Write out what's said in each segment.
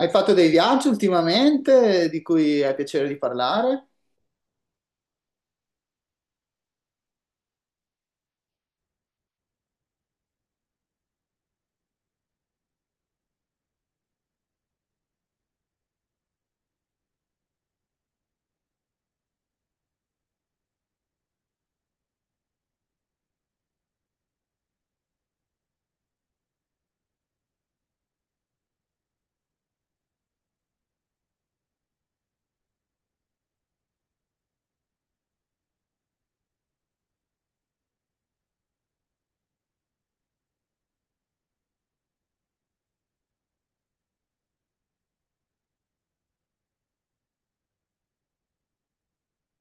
Hai fatto dei viaggi ultimamente di cui hai piacere di parlare?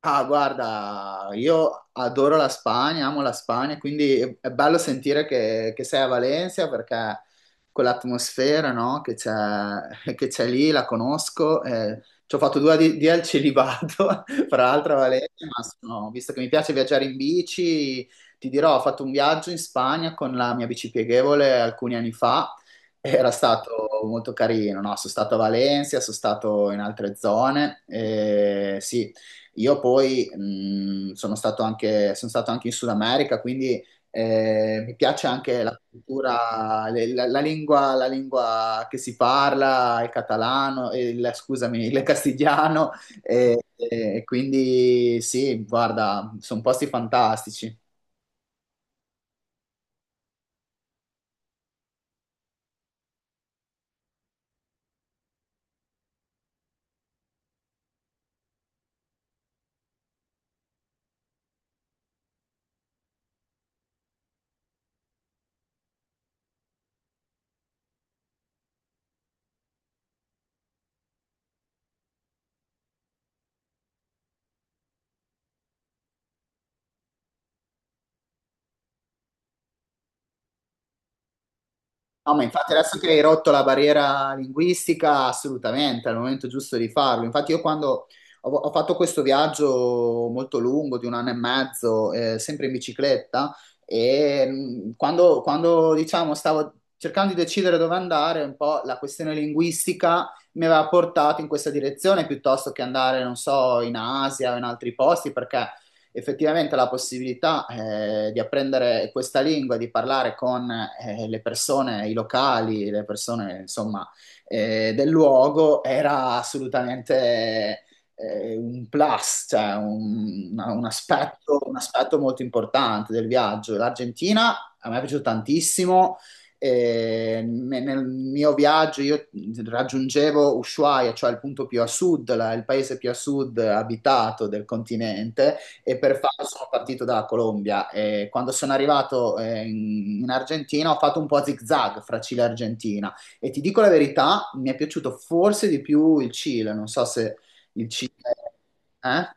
Ah, guarda, io adoro la Spagna, amo la Spagna, quindi è bello sentire che sei a Valencia perché quell'atmosfera, no, che c'è lì, la conosco. Ci ho fatto di al celibato, fra l'altro a Valencia, ma visto che mi piace viaggiare in bici, ti dirò, ho fatto un viaggio in Spagna con la mia bici pieghevole alcuni anni fa. Era stato molto carino, no? Sono stato a Valencia, sono stato in altre zone, sì, io poi sono stato anche in Sud America, quindi mi piace anche la cultura, la lingua che si parla, il catalano, il, scusami, il castigliano, e quindi sì, guarda, sono posti fantastici. No, ma infatti adesso che hai rotto la barriera linguistica, assolutamente, è il momento giusto di farlo. Infatti io quando ho fatto questo viaggio molto lungo, di un anno e mezzo, sempre in bicicletta, e quando, diciamo, stavo cercando di decidere dove andare, un po' la questione linguistica mi aveva portato in questa direzione piuttosto che andare, non so, in Asia o in altri posti, perché effettivamente la possibilità di apprendere questa lingua, di parlare con le persone, i locali, le persone insomma del luogo era assolutamente un plus, cioè un aspetto molto importante del viaggio. L'Argentina a me è piaciuto tantissimo. E nel mio viaggio io raggiungevo Ushuaia, cioè il punto più a sud, il paese più a sud abitato del continente, e per farlo sono partito dalla Colombia. E quando sono arrivato in Argentina ho fatto un po' a zig-zag fra Cile e Argentina e ti dico la verità, mi è piaciuto forse di più il Cile, non so se il Cile... Eh?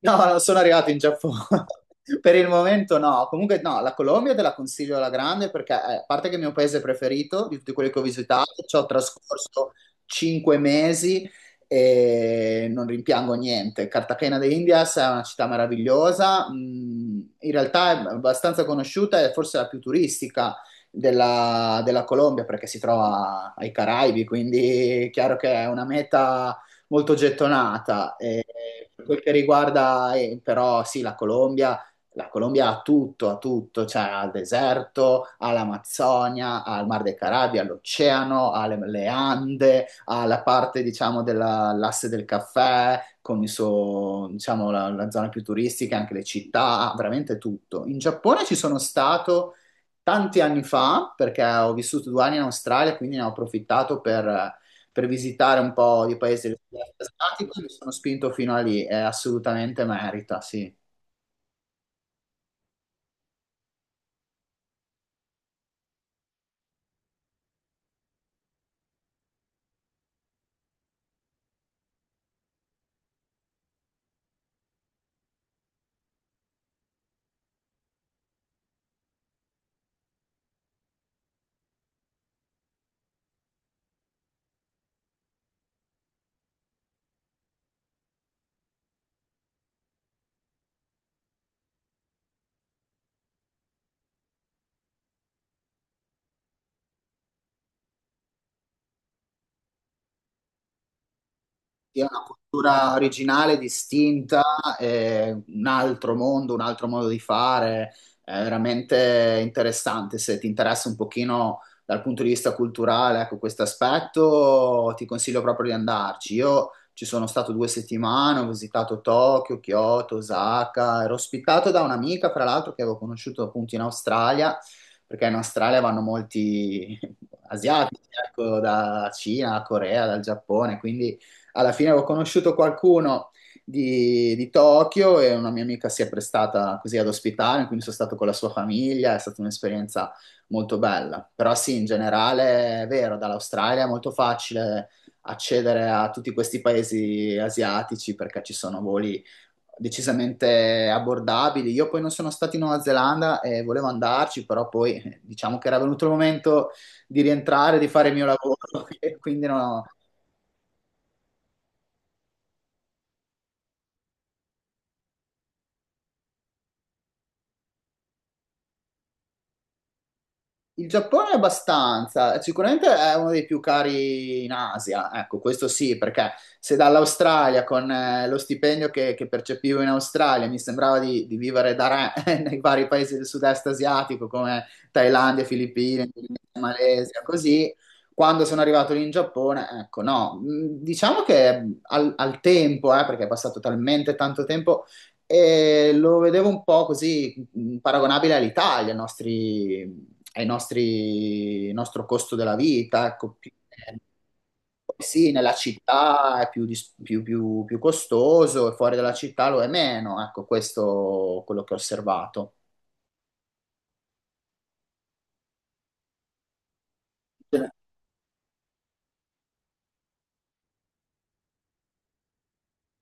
No, non sono arrivato in Giappone. Per il momento no. Comunque no, la Colombia te la consiglio alla grande perché, a parte che è il mio paese preferito di tutti quelli che ho visitato, ci ho trascorso 5 mesi e non rimpiango niente. Cartagena de Indias è una città meravigliosa, in realtà è abbastanza conosciuta e forse la più turistica della Colombia perché si trova ai Caraibi, quindi è chiaro che è una meta molto gettonata. Per quel che riguarda, però, sì, la Colombia ha tutto, cioè ha il deserto, ha l'Amazzonia, ha il Mar dei Caraibi, ha l'oceano, ha le Ande, ha la parte, diciamo, dell'asse del caffè, con il suo, diciamo, la zona più turistica, anche le città, ha veramente tutto. In Giappone ci sono stato tanti anni fa, perché ho vissuto 2 anni in Australia, quindi ne ho approfittato per visitare un po' di paesi dell'est asiatico, e mi sono spinto fino a lì, è assolutamente merita, sì. Sì, è una cultura originale, distinta, è un altro mondo, un altro modo di fare, è veramente interessante. Se ti interessa un pochino dal punto di vista culturale, ecco, questo aspetto, ti consiglio proprio di andarci. Io ci sono stato 2 settimane, ho visitato Tokyo, Kyoto, Osaka, ero ospitato da un'amica, fra l'altro, che avevo conosciuto appunto in Australia, perché in Australia vanno molti asiatici, ecco, da Cina, Corea, dal Giappone, quindi alla fine avevo conosciuto qualcuno di Tokyo e una mia amica si è prestata così ad ospitare, quindi sono stato con la sua famiglia, è stata un'esperienza molto bella. Però sì, in generale è vero, dall'Australia è molto facile accedere a tutti questi paesi asiatici perché ci sono voli decisamente abbordabili. Io poi non sono stato in Nuova Zelanda e volevo andarci, però poi diciamo che era venuto il momento di rientrare, di fare il mio lavoro, e quindi no, il Giappone è abbastanza, sicuramente è uno dei più cari in Asia, ecco, questo sì, perché se dall'Australia con lo stipendio che percepivo in Australia mi sembrava di vivere da re nei vari paesi del sud-est asiatico come Thailandia, Filippine, Indonesia, Malesia, così, quando sono arrivato lì in Giappone, ecco, no, diciamo che al tempo, perché è passato talmente tanto tempo, e lo vedevo un po' così paragonabile all'Italia, ai nostri il nostro costo della vita, ecco, sì, nella città è più, più costoso e fuori dalla città lo è meno, ecco, questo è quello che ho osservato.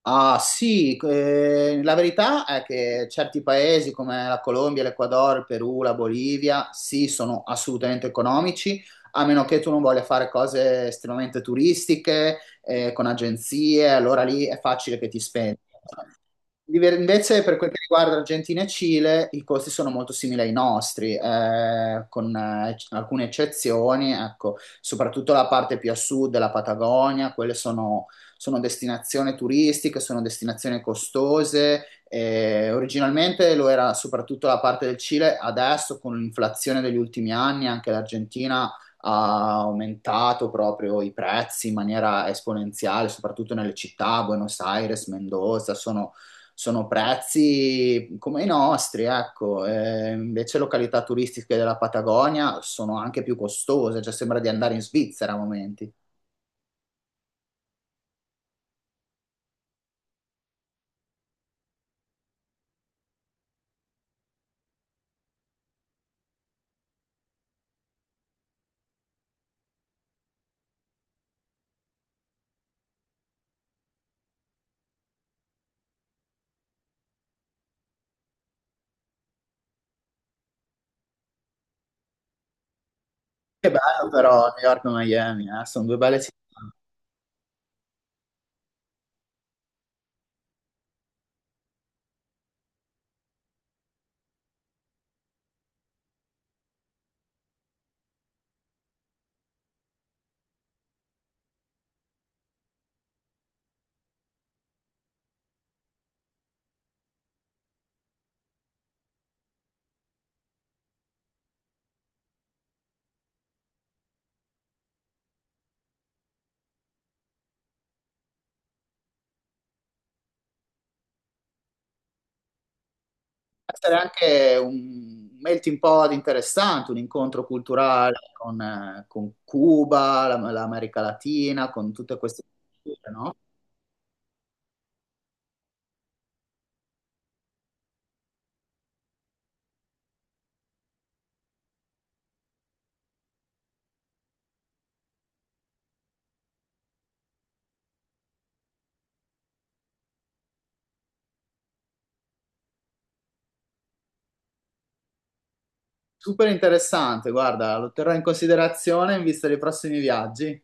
Ah sì, la verità è che certi paesi come la Colombia, l'Ecuador, il Perù, la Bolivia, sì, sono assolutamente economici, a meno che tu non voglia fare cose estremamente turistiche, con agenzie, allora lì è facile che ti spendi. Invece per quel che riguarda Argentina e Cile, i costi sono molto simili ai nostri, con alcune eccezioni, ecco, soprattutto la parte più a sud della Patagonia, quelle sono sono destinazioni turistiche, sono destinazioni costose. Eh, originalmente lo era soprattutto la parte del Cile, adesso con l'inflazione degli ultimi anni anche l'Argentina ha aumentato proprio i prezzi in maniera esponenziale, soprattutto nelle città, Buenos Aires, Mendoza, sono prezzi come i nostri, ecco. Invece località turistiche della Patagonia sono anche più costose, cioè sembra di andare in Svizzera a momenti. Che bello però New York e Miami, sono due belle città. Può essere anche un melting pot interessante, un incontro culturale con Cuba, l'America Latina, con tutte queste culture, no? Super interessante, guarda, lo terrò in considerazione in vista dei prossimi viaggi.